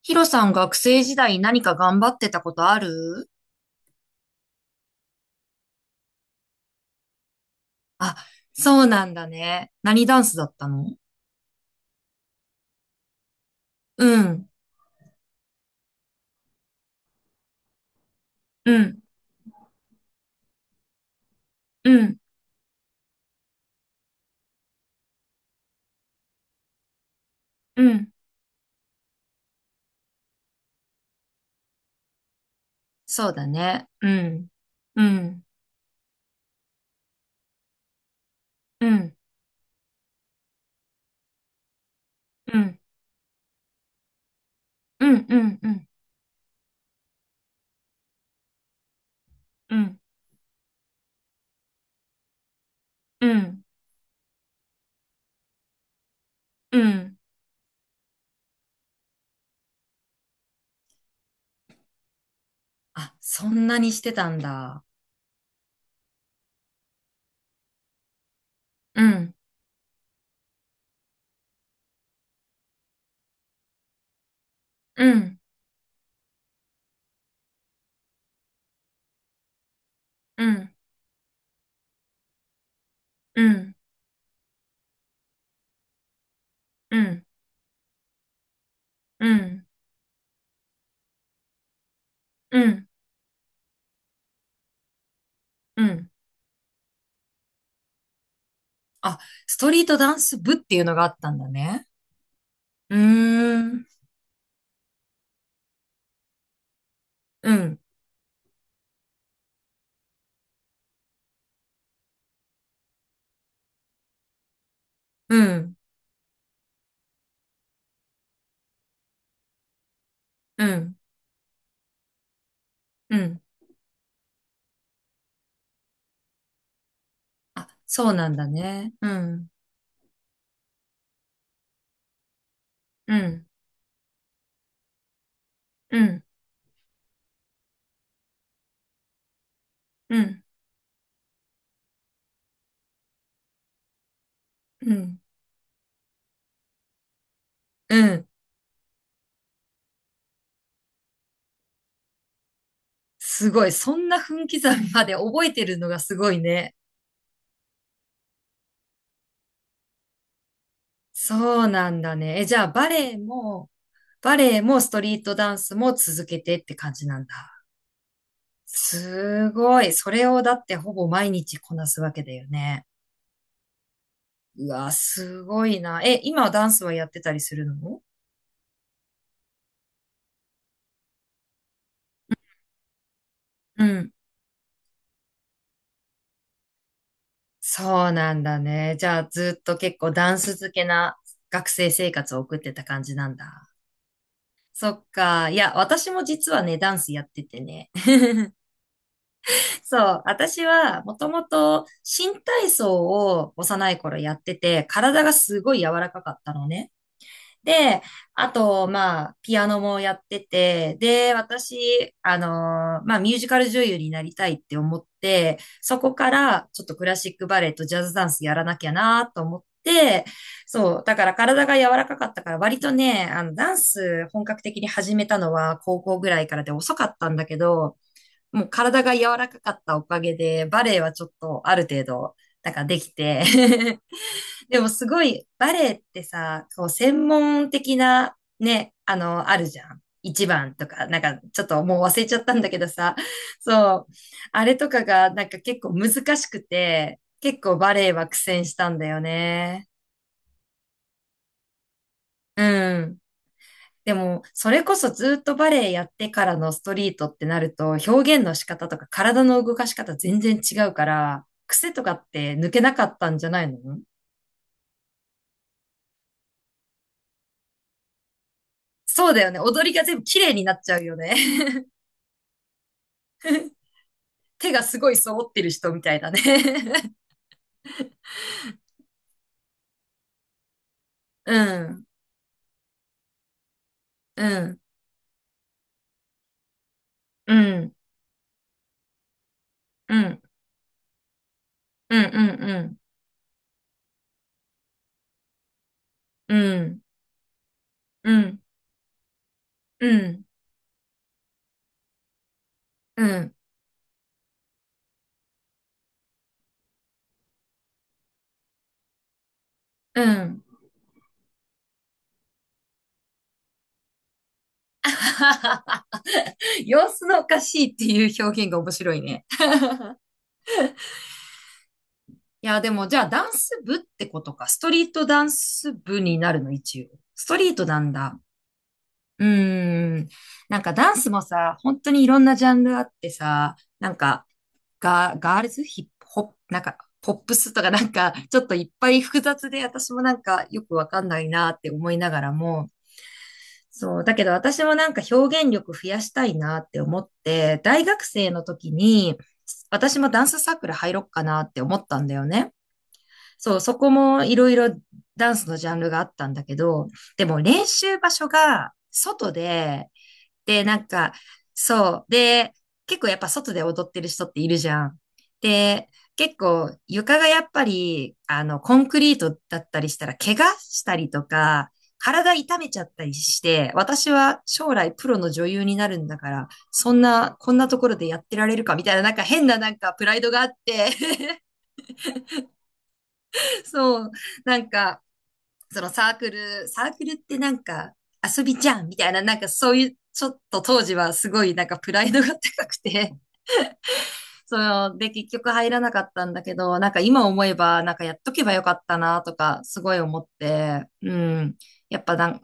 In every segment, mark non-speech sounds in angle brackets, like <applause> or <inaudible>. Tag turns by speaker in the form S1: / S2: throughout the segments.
S1: ヒロさん学生時代何か頑張ってたことある？あ、そうなんだね。何ダンスだったの？うん、うん、うん、うん。そうだね。うん、うん、うん、うん、うん、うん、うん、うん、うん、うん。あ、そんなにしてたんだ。うん、うん、うん、うん、うん、うん、うん、うん。あ、ストリートダンス部っていうのがあったんだね。うーん、うん、うん、うん、うん。あ、そうなんだね。うん。うん。うん。うん。うん。うん。すごい。そんな分刻みまで覚えてるのがすごいね。そうなんだね。え、じゃあバレエも、バレエもストリートダンスも続けてって感じなんだ。すごい。それをだってほぼ毎日こなすわけだよね。うわ、すごいな。え、今はダンスはやってたりするの？うん。そうなんだね。じゃあずっと結構ダンス漬けな学生生活を送ってた感じなんだ。そっか。いや、私も実はね、ダンスやっててね。<laughs> そう、私はもともと新体操を幼い頃やってて、体がすごい柔らかかったのね。で、あと、まあ、ピアノもやってて、で、私、あのまあ、ミュージカル女優になりたいって思って、そこから、ちょっとクラシックバレエとジャズダンスやらなきゃなと思って、そう、だから体が柔らかかったから、割とね、あの、ダンス本格的に始めたのは高校ぐらいからで遅かったんだけど、もう体が柔らかかったおかげで、バレエはちょっとある程度、なんかできて <laughs> でもすごい、バレエってさ、こう、専門的な、ね、あの、あるじゃん。一番とか、なんか、ちょっともう忘れちゃったんだけどさ、そう、あれとかが、なんか結構難しくて、結構バレエは苦戦したんだよね。うん。でも、それこそずっとバレエやってからのストリートってなると、表現の仕方とか体の動かし方全然違うから、癖とかって抜けなかったんじゃないの？そうだよね。踊りが全部綺麗になっちゃうよね。<laughs> 手がすごい揃ってる人みたいだね。<laughs> うん、うん、うん、うん、うん、うん、うん、うん、うん、うん、うん。<laughs> 様子のおかしいっていう表現が面白いね。いや、でも、じゃあ、ダンス部ってことか。ストリートダンス部になるの、一応。ストリートなんだ。うーん。なんかダンスもさ、本当にいろんなジャンルあってさ、なんか、ガ、ガールズヒップホップ、なんか、ポップスとかなんか、<laughs> ちょっといっぱい複雑で、私もなんかよくわかんないなって思いながらも、そう、だけど私もなんか表現力増やしたいなって思って、大学生の時に、私もダンスサークル入ろっかなって思ったんだよね。そう、そこもいろいろダンスのジャンルがあったんだけど、でも練習場所が外でで、なんか、そう。で、結構やっぱ外で踊ってる人っているじゃん。で、結構床がやっぱり、あの、コンクリートだったりしたら、怪我したりとか、体痛めちゃったりして、私は将来プロの女優になるんだから、そんな、こんなところでやってられるかみたいな、なんか変ななんかプライドがあって、<laughs> そう、なんか、そのサークルってなんか遊びじゃんみたいな、なんかそういう、ちょっと当時はすごいなんかプライドが高くて、その、で、結局入らなかったんだけど、なんか今思えば、なんかやっとけばよかったなとか、すごい思って、うん。やっぱなん、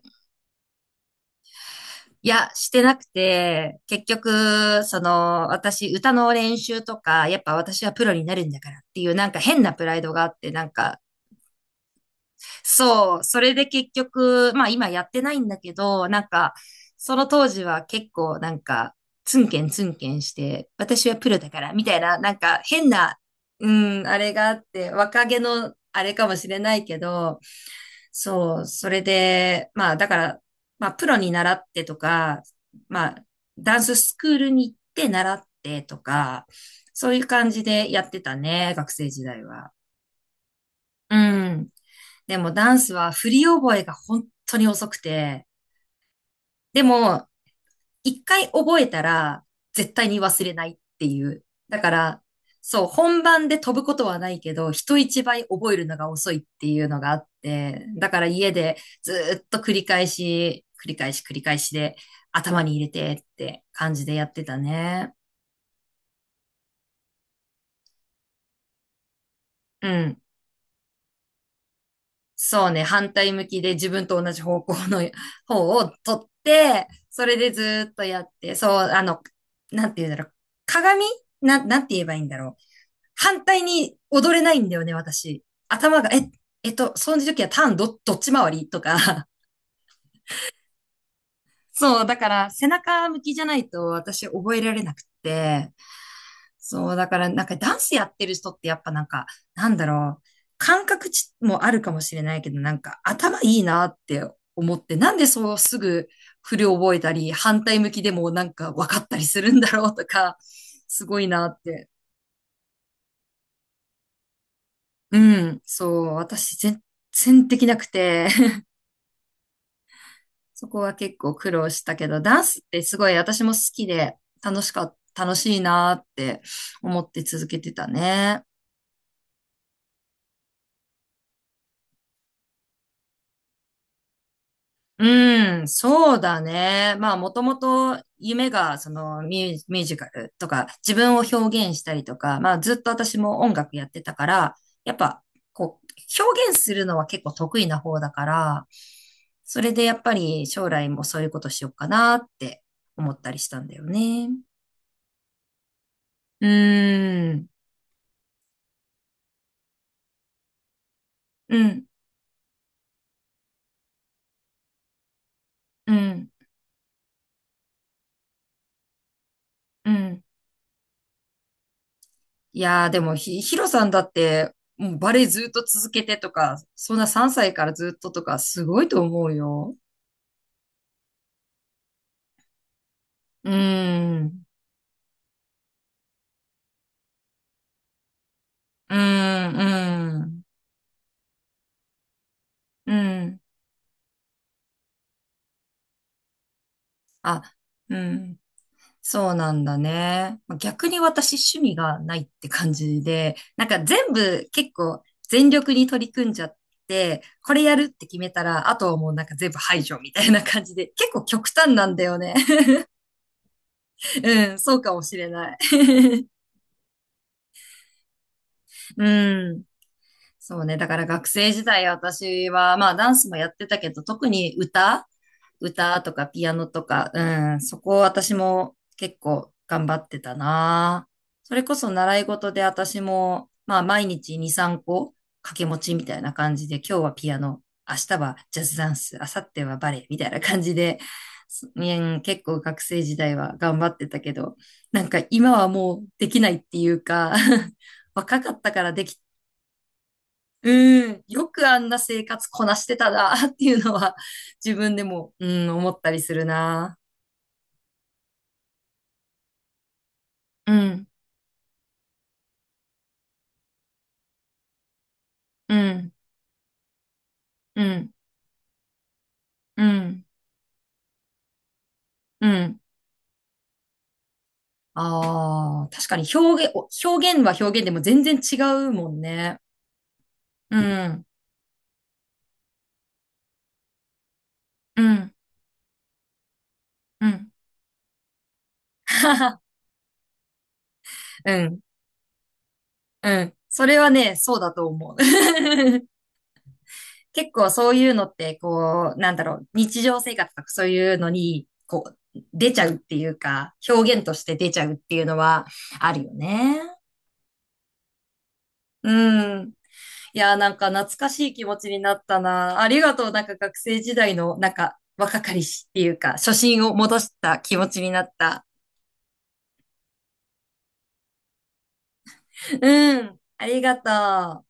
S1: いや、してなくて、結局、その、私、歌の練習とか、やっぱ私はプロになるんだからっていう、なんか変なプライドがあって、なんか、そう、それで結局、まあ今やってないんだけど、なんか、その当時は結構なんか、ツンケンツンケンして、私はプロだから、みたいな、なんか変な、うん、あれがあって、若気のあれかもしれないけど、そう、それで、まあだから、まあプロに習ってとか、まあ、ダンススクールに行って習ってとか、そういう感じでやってたね、学生時代は。うん。でもダンスは振り覚えが本当に遅くて、でも一回覚えたら絶対に忘れないっていう。だから、そう、本番で飛ぶことはないけど、人一倍覚えるのが遅いっていうのがあって、だから家でずっと繰り返し、繰り返しで頭に入れてって感じでやってたね。うん。そうね、反対向きで自分と同じ方向の <laughs> 方を取って、それでずーっとやって、そう、あの、なんて言うんだろう。鏡な、なんて言えばいいんだろう。反対に踊れないんだよね、私。頭が、え、えっと、その時はターンど、どっち回りとか。<laughs> そう、だから背中向きじゃないと私覚えられなくて。そう、だからなんかダンスやってる人ってやっぱなんか、なんだろう、感覚値もあるかもしれないけど、なんか頭いいなって思って、なんでそうすぐ振り覚えたり、反対向きでもなんか分かったりするんだろうとか、すごいなって。うん、そう、私全然できなくて、<laughs> そこは結構苦労したけど、ダンスってすごい私も好きで楽しか、楽しいなって思って続けてたね。うん、そうだね。まあ、もともと夢が、そのミュー、ミュージカルとか、自分を表現したりとか、まあ、ずっと私も音楽やってたから、やっぱ、こう、表現するのは結構得意な方だから、それでやっぱり将来もそういうことしようかなって思ったりしたんだよね。うーん、うん、うん、うん。いやー、でもひ、ヒロさんだって、もうバレエずっと続けてとか、そんな3歳からずっととか、すごいと思うよ。うーん、うーん、うーん、うん。あ、うん。そうなんだね。まあ逆に私趣味がないって感じで、なんか全部結構全力に取り組んじゃって、これやるって決めたら、あとはもうなんか全部排除みたいな感じで、結構極端なんだよね。<laughs> うん、そうかもしれない。<laughs> うん。そうね。だから学生時代私は、まあダンスもやってたけど、特に歌、歌とかピアノとか、うん、そこ私も結構頑張ってたな。それこそ習い事で私も、まあ毎日2、3個掛け持ちみたいな感じで、今日はピアノ、明日はジャズダンス、明後日はバレエみたいな感じで、すうん結構学生時代は頑張ってたけど、なんか今はもうできないっていうか <laughs> 若かったからできうん。よくあんな生活こなしてたなっていうのは自分でも、うん、思ったりするな。うん、うん、うん、うん、うん。ああ、確かに表現、お表現は表現でも全然違うもんね。うん、うん、うん、<laughs> うん、うん。それはね、そうだと思う。<laughs> 結構そういうのって、こう、なんだろう、日常生活とかそういうのに、こう、出ちゃうっていうか、表現として出ちゃうっていうのはあるよね。うん。いやー、なんか懐かしい気持ちになったな。ありがとう。なんか学生時代の、なんか若かりしっていうか、初心を戻した気持ちになった。うん。ありがとう。